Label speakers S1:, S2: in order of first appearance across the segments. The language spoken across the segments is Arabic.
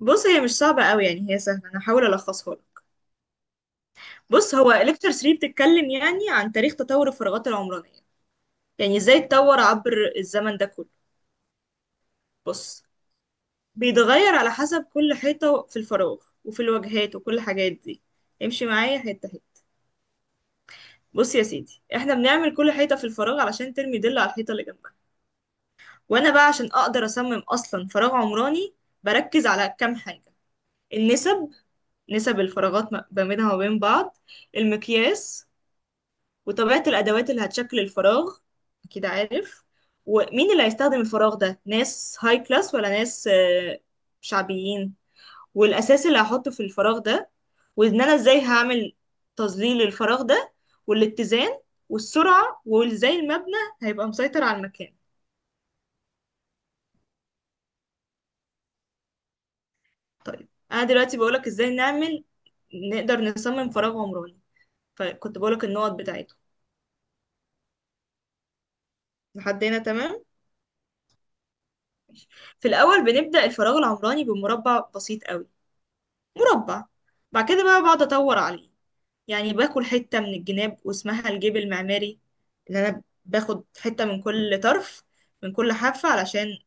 S1: بص، هي مش صعبة قوي. يعني هي سهلة. أنا هحاول ألخصها لك. بص، هو ليكتشر 3 بتتكلم يعني عن تاريخ تطور الفراغات العمرانية. يعني إزاي اتطور عبر الزمن ده كله. بص، بيتغير على حسب كل حيطة في الفراغ وفي الواجهات وكل الحاجات دي. امشي معايا حتة حتة. بص يا سيدي، احنا بنعمل كل حيطة في الفراغ علشان ترمي ضل على الحيطة اللي جنبها. وأنا بقى عشان أقدر أصمم أصلا فراغ عمراني بركز على كام حاجة: النسب، نسب الفراغات ما بينها وبين بعض، المقياس، وطبيعة الأدوات اللي هتشكل الفراغ، أكيد عارف، ومين اللي هيستخدم الفراغ ده، ناس هاي كلاس ولا ناس شعبيين، والأساس اللي هحطه في الفراغ ده، وإن أنا إزاي هعمل تظليل الفراغ ده، والاتزان، والسرعة، وإزاي المبنى هيبقى مسيطر على المكان. طيب، أنا دلوقتي بقولك إزاي نعمل، نقدر نصمم فراغ عمراني. فكنت بقولك النقط بتاعته لحد هنا، تمام. في الأول بنبدأ الفراغ العمراني بمربع بسيط أوي، مربع. بعد كده بقى بقعد أطور عليه. يعني باكل حتة من الجناب واسمها الجيب المعماري، اللي أنا باخد حتة من كل طرف، من كل حافة، علشان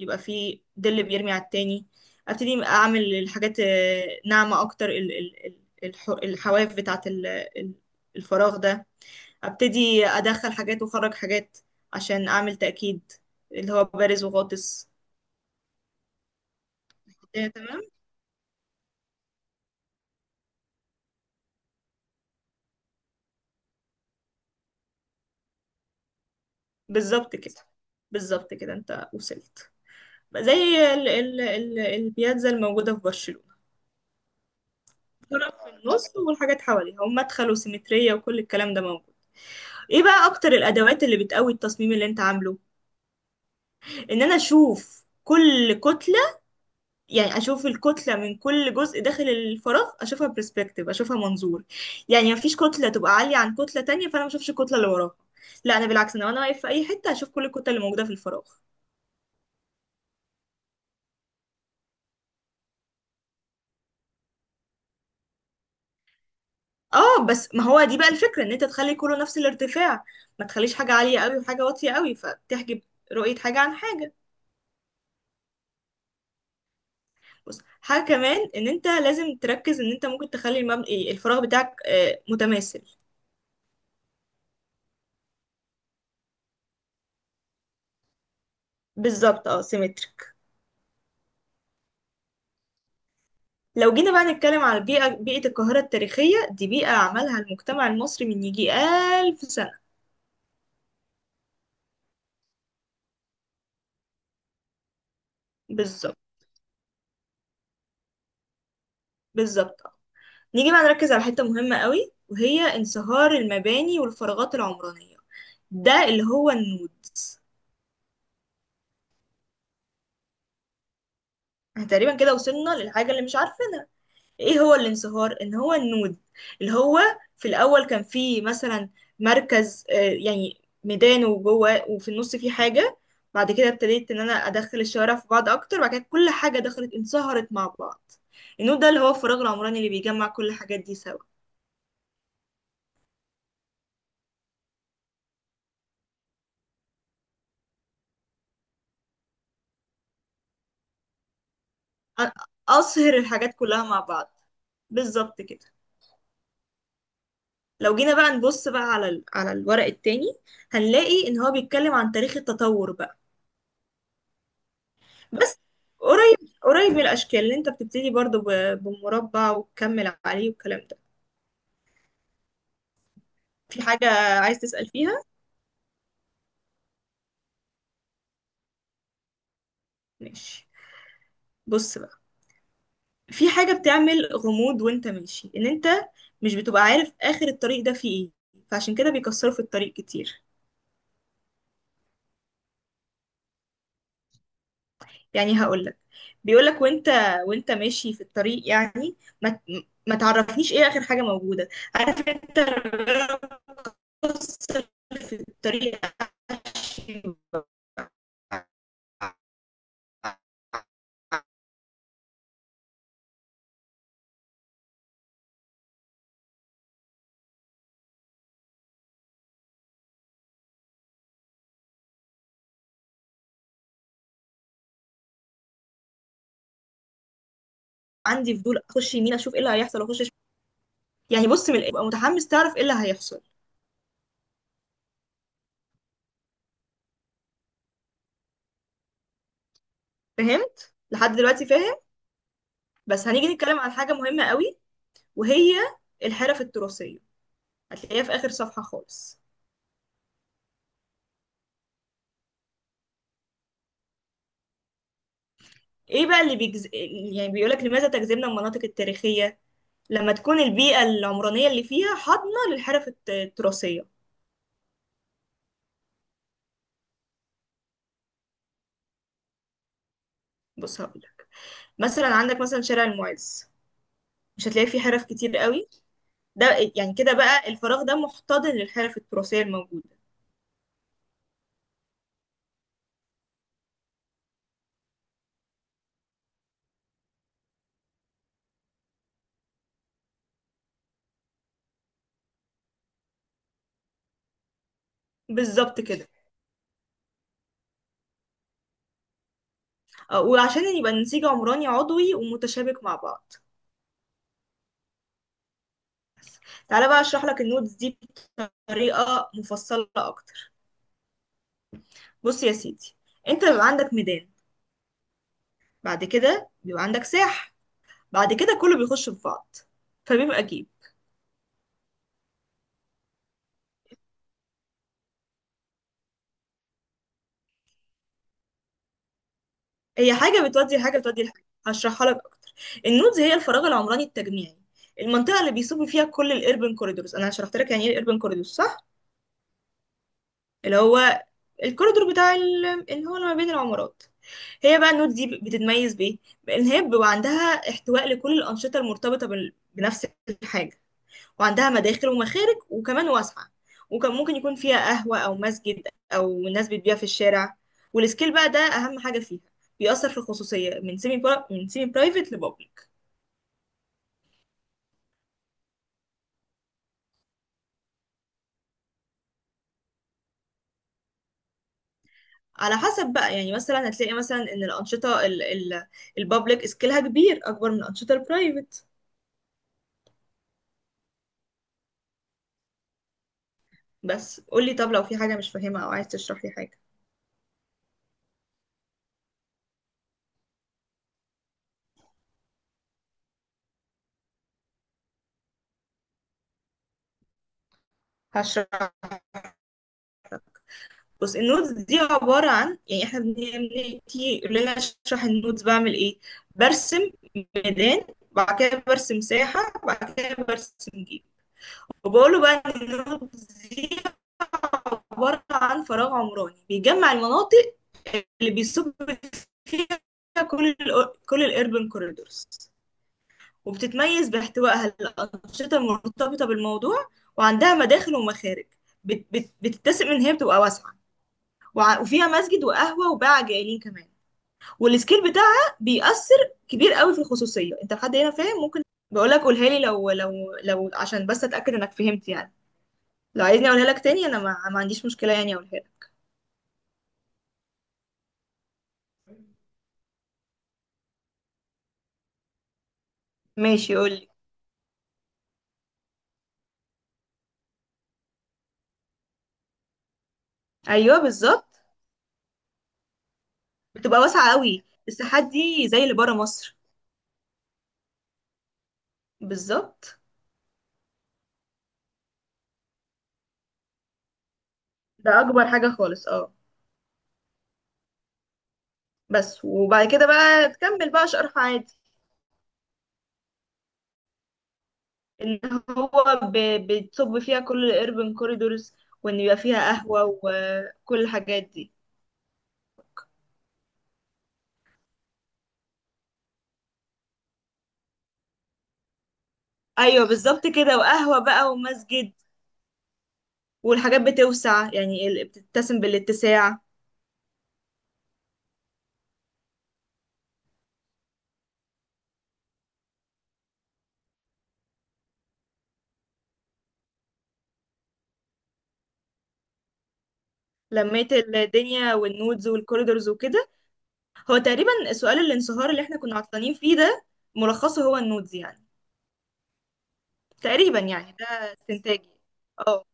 S1: يبقى فيه ظل بيرمي على التاني. أبتدي أعمل الحاجات ناعمة أكتر. الحواف بتاعة ال- الفراغ ده. أبتدي أدخل حاجات وأخرج حاجات عشان أعمل تأكيد، اللي هو بارز وغاطس. الدنيا تمام. بالظبط كده. بالظبط كده، أنت وصلت. زي ال ال ال البياتزا الموجودة في برشلونة. طرف في النص والحاجات حواليها، ومدخل وسيمترية، وكل الكلام ده موجود. ايه بقى اكتر الادوات اللي بتقوي التصميم اللي انت عامله؟ ان انا اشوف كل كتلة. يعني اشوف الكتلة من كل جزء داخل الفراغ، اشوفها برسبكتيف، اشوفها منظور. يعني مفيش كتلة تبقى عالية عن كتلة تانية فانا ما اشوفش الكتلة اللي وراها. لا، انا بالعكس، انا وانا واقف في اي حتة اشوف كل الكتل اللي موجودة في الفراغ. اه، بس ما هو دي بقى الفكرة، ان انت تخلي كله نفس الارتفاع. ما تخليش حاجة عالية قوي وحاجة واطية قوي فتحجب رؤية حاجة عن حاجة. بص، حاجة كمان، ان انت لازم تركز ان انت ممكن تخلي المبنى، الفراغ بتاعك، متماثل. بالظبط، اه، سيمتريك. لو جينا بقى نتكلم على البيئة، بيئة القاهرة التاريخية، دي بيئة عملها المجتمع المصري من يجي ألف سنة. بالظبط. بالظبط، اه. نيجي بقى نركز على حتة مهمة قوي، وهي انصهار المباني والفراغات العمرانية. ده اللي هو النود. تقريبا كده وصلنا للحاجة اللي مش عارفينها. ايه هو الانصهار؟ ان هو النود، اللي هو في الاول كان فيه مثلا مركز، يعني ميدان وجوه وفي النص فيه حاجة. بعد كده ابتديت ان انا ادخل الشوارع في بعض اكتر، بعد كده كل حاجة دخلت انصهرت مع بعض. النود ده اللي هو الفراغ العمراني اللي بيجمع كل الحاجات دي سوا. أ- اصهر الحاجات كلها مع بعض. بالظبط كده. لو جينا بقى نبص بقى على على الورق التاني، هنلاقي ان هو بيتكلم عن تاريخ التطور بقى، بس قريب قريب من الاشكال اللي انت بتبتدي برضو بمربع وتكمل عليه والكلام ده. في حاجة عايز تسأل فيها؟ ماشي. بص بقى، في حاجة بتعمل غموض وانت ماشي، ان انت مش بتبقى عارف اخر الطريق ده فيه ايه. فعشان كده بيكسروا في الطريق كتير. يعني هقول لك، بيقول لك وانت، وانت ماشي في الطريق يعني، ما ت- ما تعرفنيش ايه اخر حاجة موجودة. عارف انت لما بتكسر في الطريق، عشان عندي فضول اخش يمين اشوف ايه اللي هيحصل، اخش شمال. يعني بص، من ابقى متحمس تعرف ايه اللي هيحصل. فهمت لحد دلوقتي، فاهم؟ بس هنيجي نتكلم عن حاجه مهمه قوي، وهي الحرف التراثيه. هتلاقيها في اخر صفحه خالص. ايه بقى اللي بيجز... يعني بيقولك لماذا تجذبنا المناطق التاريخيه. لما تكون البيئه العمرانيه اللي فيها حاضنه للحرف التراثيه. بص هقولك، مثلا عندك مثلا شارع المعز، مش هتلاقي فيه حرف كتير قوي ده. يعني كده بقى الفراغ ده محتضن للحرف التراثيه الموجوده. بالظبط كده. وعشان يبقى النسيج عمراني عضوي ومتشابك مع بعض. تعالى بقى اشرح لك النودز دي بطريقة مفصلة اكتر. بص يا سيدي، انت بيبقى عندك ميدان، بعد كده بيبقى عندك ساح، بعد كده كله بيخش في بعض فبيبقى جيب. هي حاجة بتودي لحاجة بتودي لحاجة، هشرحها لك اكتر. النودز هي الفراغ العمراني التجميعي، المنطقة اللي بيصب فيها كل الاربن كوريدورز. انا شرحت لك يعني ايه الاربن كوريدورز، صح؟ اللي هو الكوريدور بتاع اللي هو اللي ما بين العمارات. هي بقى النوت دي بتتميز بايه؟ بان هي بيبقى عندها احتواء لكل الانشطه المرتبطه بنفس الحاجه، وعندها مداخل ومخارج، وكمان واسعه، وكان ممكن يكون فيها قهوه او مسجد، او الناس بتبيع في الشارع. والسكيل بقى ده اهم حاجه فيها. بيأثر في الخصوصيه، من سيمي برا... من سيمي برايفت لبابليك. على حسب بقى، يعني مثلا هتلاقي مثلا ان الانشطه البابليك سكيلها كبير، اكبر من الانشطه البرايفت. بس قولي، طب لو في حاجة مش فاهمة أو عايز تشرح لي حاجة. هشرح. بص النوتس دي عبارة عن، يعني احنا بنيجي يقول لنا اشرح النوتس، بعمل ايه؟ برسم ميدان، بعد كده برسم ساحة، بعد كده برسم جيب. وبقوله بقى ان النوتس دي عبارة عن فراغ عمراني بيجمع المناطق اللي بيصب فيها كل كل الاربن كوريدورز. وبتتميز باحتوائها الأنشطة المرتبطة بالموضوع، وعندها مداخل ومخارج. بتتسم ان هي بتبقى واسعة، وفيها مسجد وقهوة وباعة جايلين كمان. والسكيل بتاعها بيأثر كبير قوي في الخصوصية. انت لحد هنا فاهم؟ ممكن بقول لك، قولها لي، لو لو عشان بس اتأكد انك فهمت يعني. لو عايزني اقولها لك تاني، انا ما عنديش مشكلة يعني، اقولها لك. ماشي، قول لي. ايوه بالظبط. بتبقى واسعة قوي الساحات دي زي اللي بره مصر. بالظبط، ده اكبر حاجة خالص، اه. بس، وبعد كده بقى تكمل بقى شرح عادي. اللي هو بتصب فيها كل الاربن كوريدورز، وان يبقى فيها قهوة وكل الحاجات دي. ايوه بالظبط كده، وقهوة بقى ومسجد. والحاجات بتوسع، يعني بتتسم بالاتساع. لميت الدنيا والنودز والكوريدورز وكده. هو تقريبا سؤال الانصهار اللي احنا كنا عطلانين فيه ده، ملخصه هو النودز يعني. تقريبا يعني، ده استنتاجي، اه.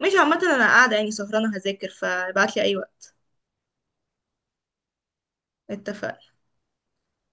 S1: مش عامة، انا قاعدة يعني سهرانة هذاكر، فابعتلي اي وقت. اتفقنا.